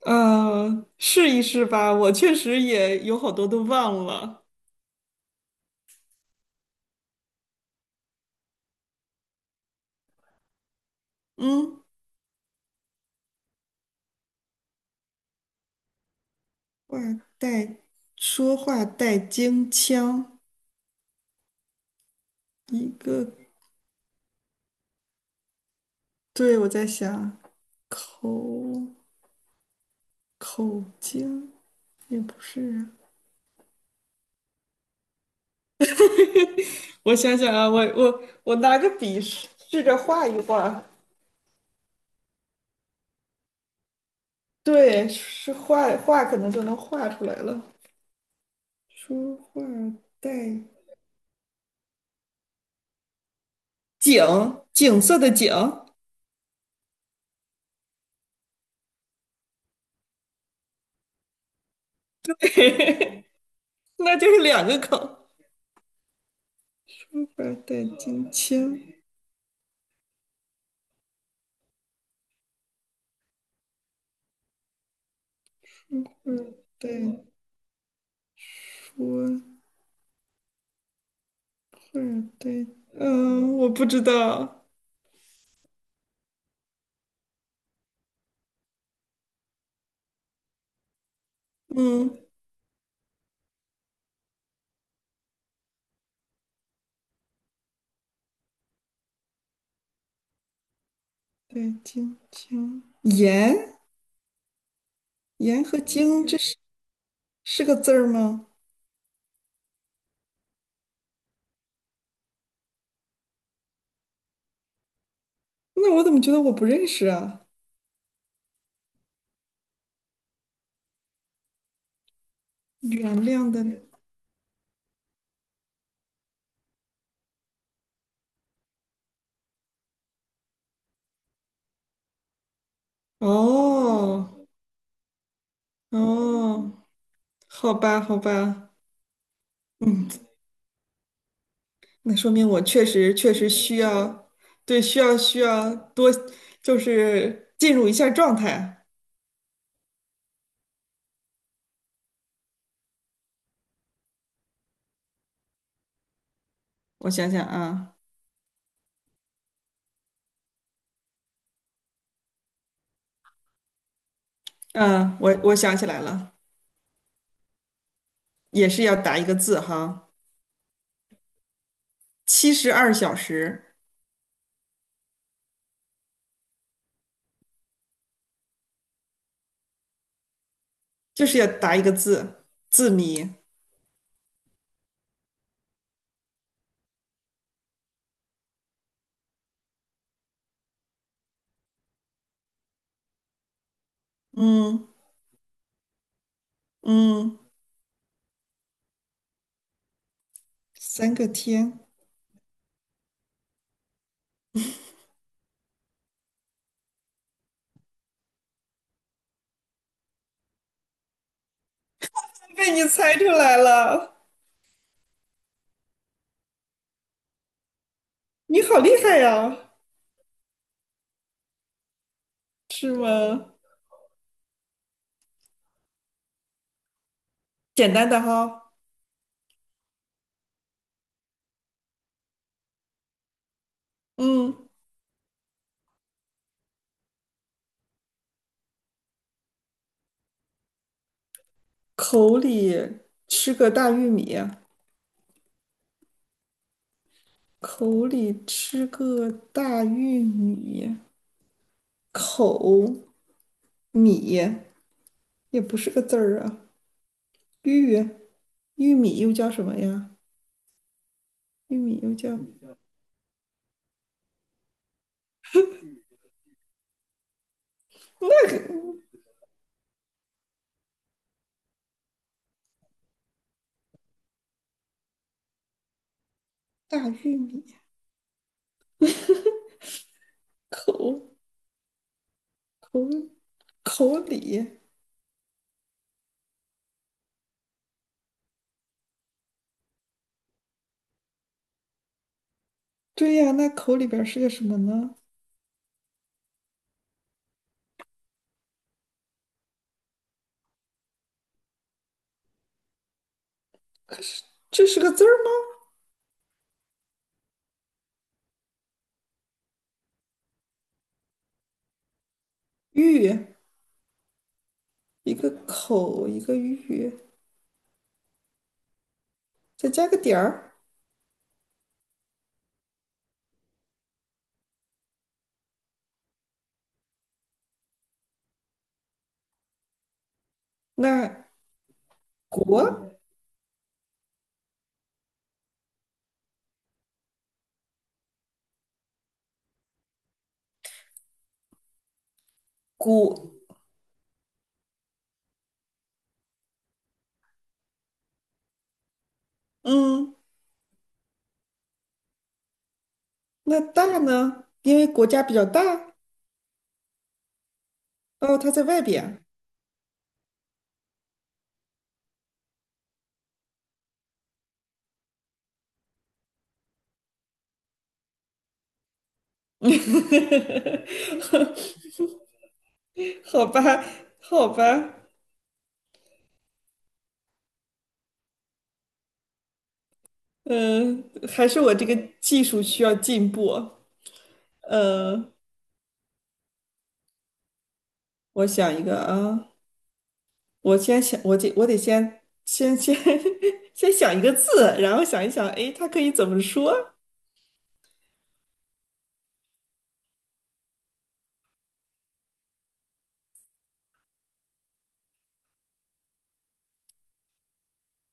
试一试吧，我确实也有好多都忘了。嗯，话带说话带京腔，一个，对，我在想口口京也不是啊，我想想啊，我拿个笔试试着画一画，对，是画画可能就能画出来了。说话带景，景色的景，那就是两个口。二代金枪，二代坡，二代，嗯，我不知道，嗯，二代金枪，盐，盐和金，这是个字儿吗？那我怎么觉得我不认识啊？原谅的，哦，哦，好吧，好吧，嗯，那说明我确实需要，对，需要多，就是进入一下状态。我想想啊。嗯，我想起来了，也是要答一个字哈，72小时就是要答一个字，字谜。嗯嗯，三个天，被你猜出来了，你好厉害呀，是吗？简单的哈，嗯，口里吃个大玉米，口里吃个大玉米，口米也不是个字儿啊，玉玉米又叫什么呀？玉米又叫大玉米，口口口里，对呀，啊那口里边是个什么呢？这是个字儿吗？玉，一个口，一个玉，再加个点儿，那国国，嗯，那大呢？因为国家比较大，哦，它在外边，好吧，好吧，嗯，还是我这个技术需要进步，呃，我想一个啊。我先想，我得先先先 先想一个字，然后想一想，哎，它可以怎么说？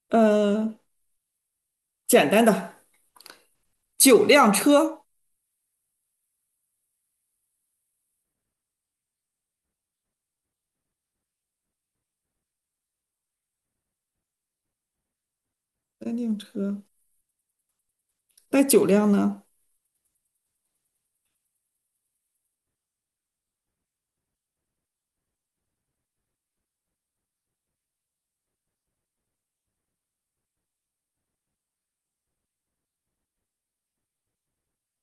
呃，简单的，九辆车，三辆车，那九辆呢？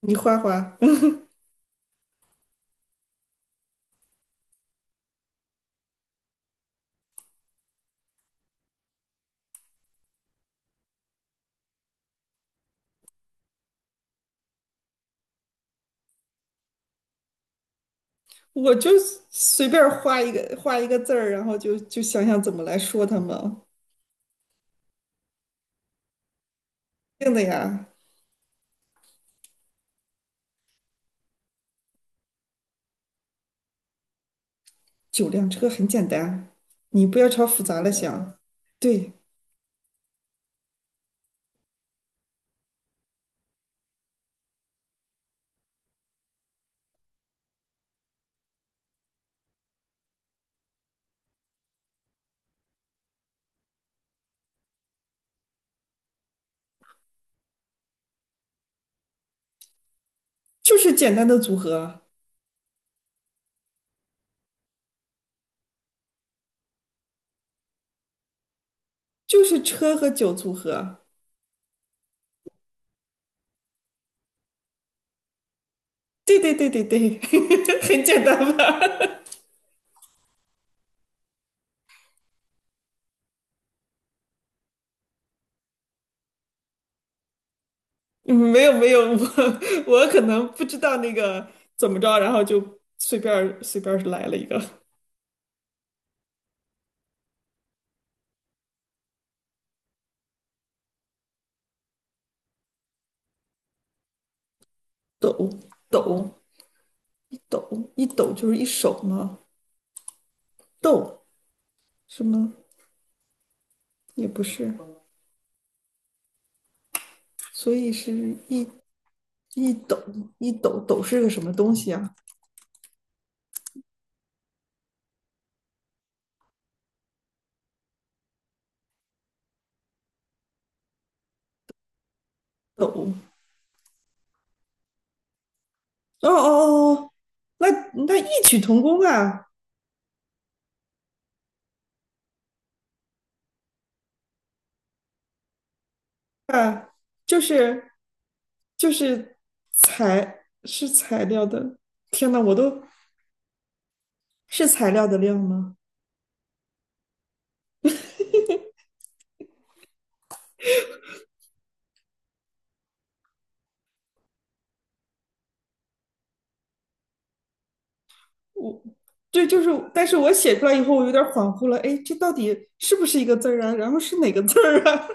你画画，我就随便儿画一个字儿，然后就想想怎么来说它们。定的呀，九辆车很简单，你不要朝复杂了想。对，就是简单的组合，就是车和酒组合。对对对对对，很简单吧？嗯没有没有，我 我可能不知道那个怎么着，然后就随便儿随便儿来了一个 抖抖一抖一抖就是一手吗？抖是吗？也不是，所以是一一抖一抖抖是个什么东西啊？抖哦哦哦，哦那那异曲同工啊啊，就是就是材是材料的，天呐，我都是材料的量吗？我对，就是，但是我写出来以后，我有点恍惚了，哎，这到底是不是一个字儿啊？然后是哪个字儿啊？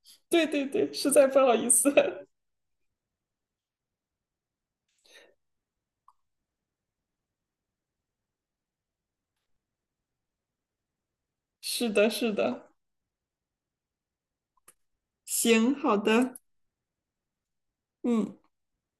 对对对，实在不好意思。是的，是的，行，好的，嗯。